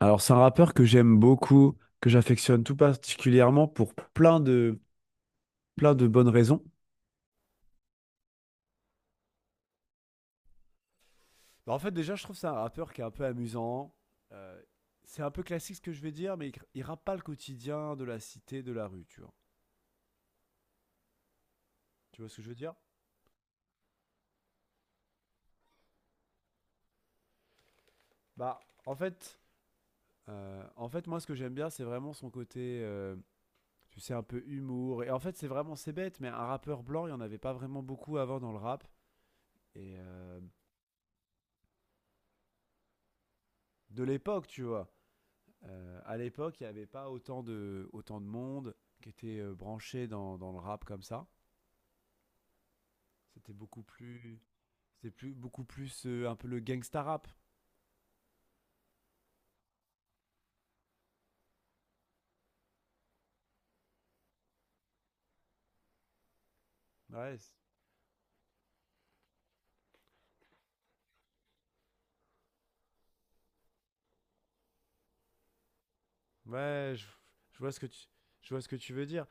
Alors, c'est un rappeur que j'aime beaucoup, que j'affectionne tout particulièrement pour plein de bonnes raisons. Bah, en fait, déjà, je trouve que c'est un rappeur qui est un peu amusant. Euh, c'est un peu classique ce que je vais dire, mais il rappe pas le quotidien de la cité, de la rue, tu vois. Tu vois ce que je veux dire? Bah, en fait, en fait, moi, ce que j'aime bien, c'est vraiment son côté, tu sais, un peu humour. Et en fait, c'est vraiment, c'est bête, mais un rappeur blanc, il y en avait pas vraiment beaucoup avant dans le rap. Et euh, de l'époque, tu vois. À l'époque, il n'y avait pas autant de, autant de monde qui était branché dans le rap comme ça. C'était beaucoup plus, c'était plus, beaucoup plus un peu le gangsta rap. Ouais, ouais, je vois ce que tu, je vois ce que tu veux dire.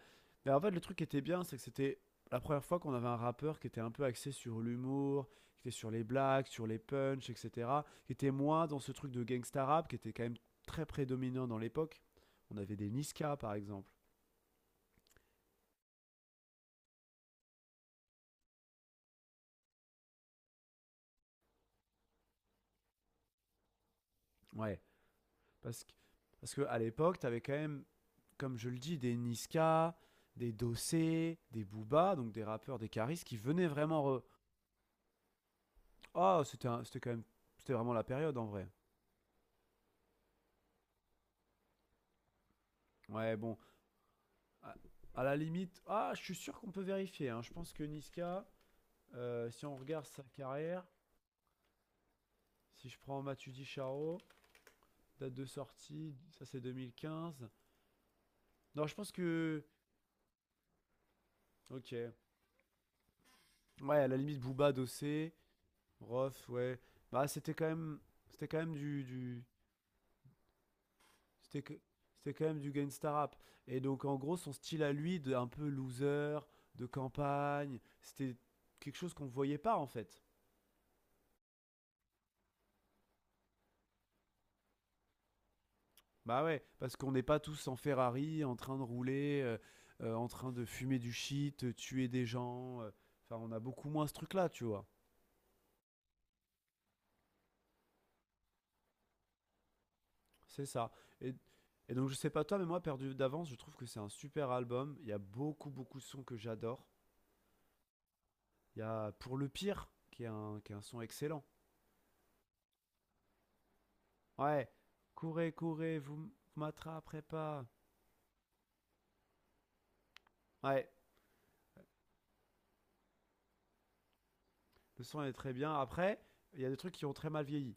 Mais en fait, le truc qui était bien, c'est que c'était la première fois qu'on avait un rappeur qui était un peu axé sur l'humour, qui était sur les blagues, sur les punchs, etc. Qui était moins dans ce truc de gangsta rap, qui était quand même très prédominant dans l'époque. On avait des Niska, par exemple. Ouais, Parce que, parce que à l'époque, t'avais quand même, comme je le dis, des Niska, des Dossé, des Booba, donc des rappeurs, des Caris qui venaient vraiment. Ah, c'était quand même. C'était vraiment la période en vrai. Ouais, bon. À, à la limite. Ah, je suis sûr qu'on peut vérifier, hein. Je pense que Niska, si on regarde sa carrière, si je prends Matudi Charo, date de sortie, ça c'est 2015. Non, je pense que. Ok. Ouais, à la limite, Booba, Dossé. Rof, ouais. Bah, c'était quand même, c'était quand même du, du- c'était que- C'était quand même du gangsta rap. Et donc, en gros, son style à lui, de un peu loser, de campagne, c'était quelque chose qu'on voyait pas en fait. Bah ouais, parce qu'on n'est pas tous en Ferrari, en train de rouler, en train de fumer du shit, tuer des gens. Enfin, on a beaucoup moins ce truc-là, tu vois. C'est ça. Et, et donc, je sais pas toi, mais moi, Perdu d'avance, je trouve que c'est un super album. Il y a beaucoup, beaucoup de sons que j'adore. Il y a Pour le pire, qui est un son excellent. Ouais, courez, courez, vous m'attraperez pas. Ouais, le son est très bien. Après, il y a des trucs qui ont très mal vieilli.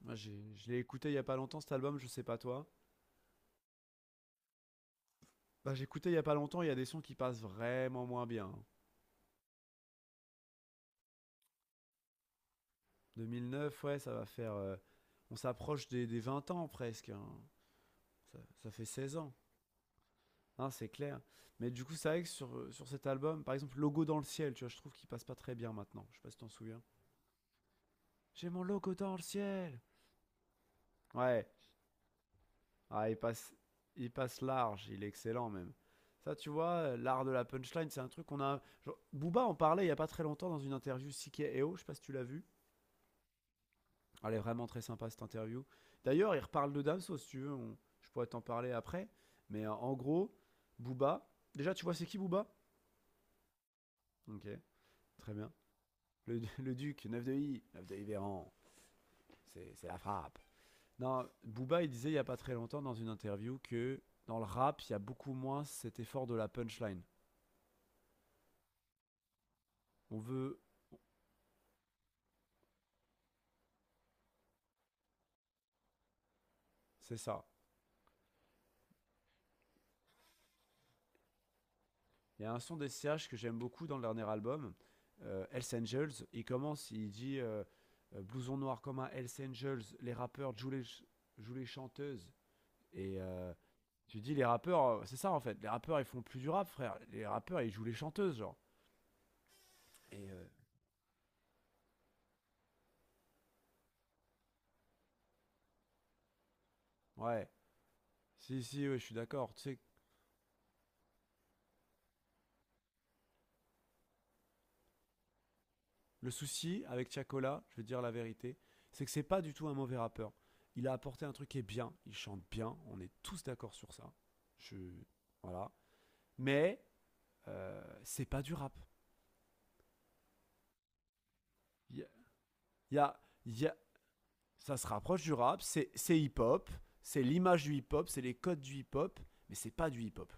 Moi, je l'ai écouté il y a pas longtemps, cet album, je sais pas toi. Bah, j'ai écouté il y a pas longtemps, il y a des sons qui passent vraiment moins bien. 2009, ouais, ça va faire. On s'approche des 20 ans presque, hein. Ça fait 16 ans. Hein, c'est clair. Mais du coup, c'est vrai que sur cet album, par exemple, Logo dans le ciel, tu vois, je trouve qu'il passe pas très bien maintenant. Je sais pas si t'en souviens. J'ai mon logo dans le ciel. Ouais, ah, il passe large, il est excellent même. Ça, tu vois, l'art de la punchline, c'est un truc qu'on a, genre, Booba en parlait il y a pas très longtemps dans une interview Sike Eo, je sais pas si tu l'as vu. Elle est vraiment très sympa cette interview. D'ailleurs, il reparle de Damso si tu veux, je pourrais t'en parler après. Mais en gros, Booba. Déjà, tu vois, c'est qui Booba? Ok, très bien. Le, le Duc, 9 de I Véran, c'est la frappe. Non, Booba, il disait il y a pas très longtemps dans une interview que dans le rap, il y a beaucoup moins cet effort de la punchline. On veut, c'est ça. Il y a un son des CH que j'aime beaucoup dans le dernier album, Hells Angels. Il commence, il dit blouson noir comme un Hells Angels, les rappeurs jouent les, jouent les chanteuses. Et tu dis, les rappeurs, c'est ça en fait, les rappeurs ils font plus du rap, frère. Les rappeurs ils jouent les chanteuses, genre. Et ouais, si, si, ouais, je suis d'accord. Tu sais, le souci avec Tiakola, je vais te dire la vérité, c'est que c'est pas du tout un mauvais rappeur. Il a apporté un truc qui est bien, il chante bien, on est tous d'accord sur ça. Je... Voilà. Mais c'est pas du rap. Il y a, il y a- Ça se rapproche du rap, c'est hip-hop, c'est l'image du hip-hop, c'est les codes du hip-hop, mais c'est pas du hip-hop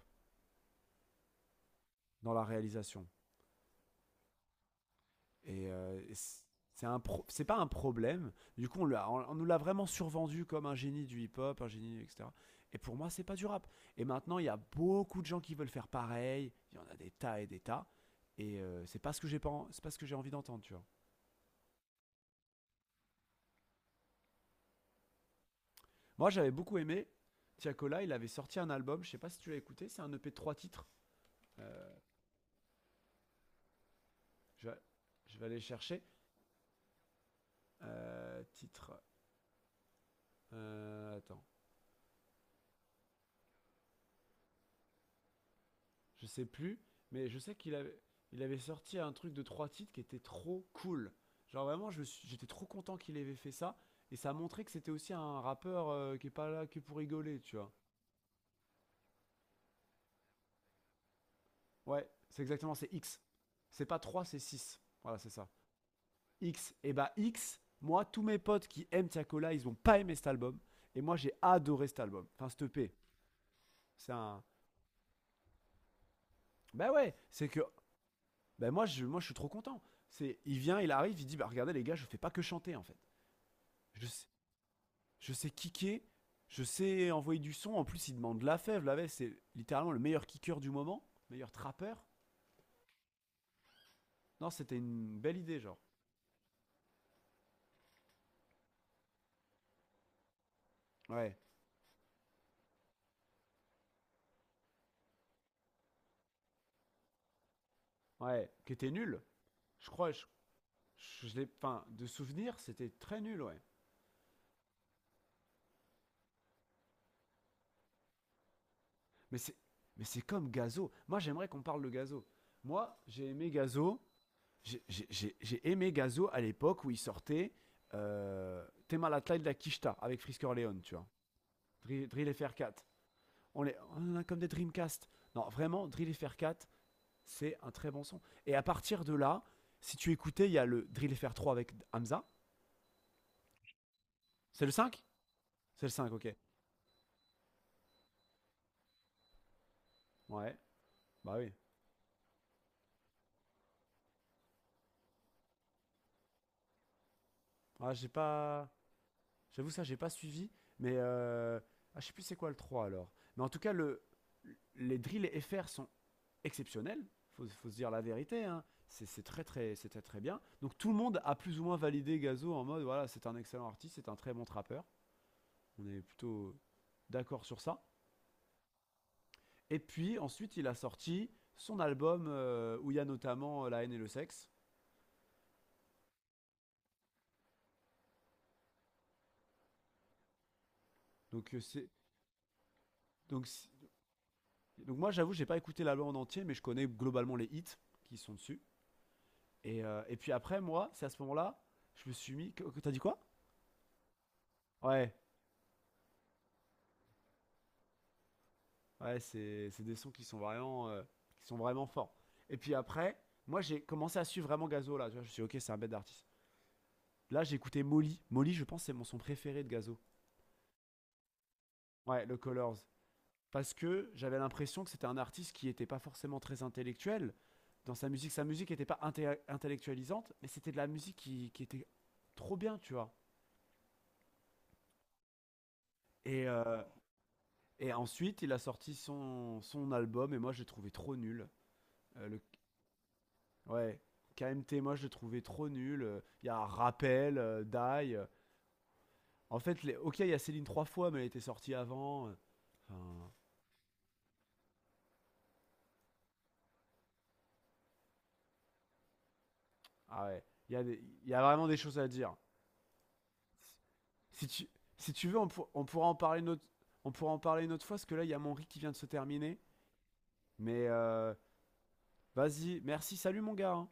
dans la réalisation. Et, c'est un c'est pas un problème. Du coup, nous l'a vraiment survendu comme un génie du hip-hop, un génie, etc. Et pour moi, c'est pas du rap. Et maintenant, il y a beaucoup de gens qui veulent faire pareil. Il y en a des tas. Et c'est pas ce que j'ai pas, en- c'est pas ce que j'ai envie d'entendre, tu vois. Moi, j'avais beaucoup aimé. Tiakola, il avait sorti un album. Je sais pas si tu l'as écouté. C'est un EP de trois titres. Euh, je je vais aller chercher. Titre. Attends. Je sais plus, mais je sais qu'il avait sorti un truc de trois titres qui était trop cool. Genre vraiment, j'étais trop content qu'il avait fait ça. Et ça a montré que c'était aussi un rappeur qui est pas là que pour rigoler, tu vois. Ouais, c'est exactement, c'est X. C'est pas 3, c'est 6. Voilà, c'est ça. X. Et bah X, moi, tous mes potes qui aiment Tiakola, ils ont pas aimé cet album. Et moi, j'ai adoré cet album. Enfin, cette EP. C'est un... Bah ouais, c'est que... Bah moi, je suis trop content. C'est, il vient, il arrive, il dit, bah regardez les gars, je fais pas que chanter, en fait. Je Je sais kicker, je sais envoyer du son. En plus, il demande la fève. La fève, c'est littéralement le meilleur kicker du moment, meilleur trappeur. Non, c'était une belle idée, genre. Ouais, ouais, qui était nul. Je crois, je, je je, l'ai, enfin, de souvenir, c'était très nul, ouais. Mais c'est, mais c'est comme Gazo. Moi, j'aimerais qu'on parle de Gazo. Moi, j'ai aimé Gazo. J'ai aimé Gazo à l'époque où il sortait Tema la taille de la Kishta avec Frisker Leon, tu vois. Drill FR4. On en a comme des Dreamcast. Non, vraiment, Drill FR 4, c'est un très bon son. Et à partir de là, si tu écoutais, il y a le Drill FR 3 avec Hamza. C'est le 5. C'est le 5, ok. Ouais, bah oui. Ah, j'ai pas. J'avoue, ça, j'ai pas suivi. Mais ah, je sais plus c'est quoi le 3 alors. Mais en tout cas, les drills FR sont exceptionnels. Faut se dire la vérité, hein. C'est très, très, c'est très, très bien. Donc tout le monde a plus ou moins validé Gazo en mode voilà, c'est un excellent artiste, c'est un très bon trappeur. On est plutôt d'accord sur ça. Et puis ensuite, il a sorti son album où il y a notamment La haine et le sexe. Donc, c'est, donc, si- Donc moi, j'avoue, j'ai pas écouté l'album en entier, mais je connais globalement les hits qui sont dessus. Et puis après, moi, c'est à ce moment-là, je me suis mis. T'as dit quoi? Ouais, ouais, c'est des sons qui sont vraiment forts. Et puis après, moi, j'ai commencé à suivre vraiment Gazo là. Tu vois, je me suis dit, ok, c'est un bête d'artiste. Là, j'ai écouté Molly. Molly, je pense, c'est mon son préféré de Gazo. Ouais, le Colors. Parce que j'avais l'impression que c'était un artiste qui n'était pas forcément très intellectuel dans sa musique. Sa musique n'était pas intellectualisante, mais c'était de la musique qui était trop bien, tu vois. Et, euh, et ensuite, il a sorti son album et moi, je l'ai trouvé trop nul. Euh, le, ouais, KMT, moi, je l'ai trouvé trop nul. Il y a Rappel, Die. En fait, les, ok, il y a Céline trois fois, mais elle était sortie avant. Enfin, ah ouais, il y a vraiment des choses à dire. Si tu, si tu veux, on pourra en parler une autre fois, parce que là, il y a mon riz qui vient de se terminer. Mais vas-y, merci, salut mon gars, hein.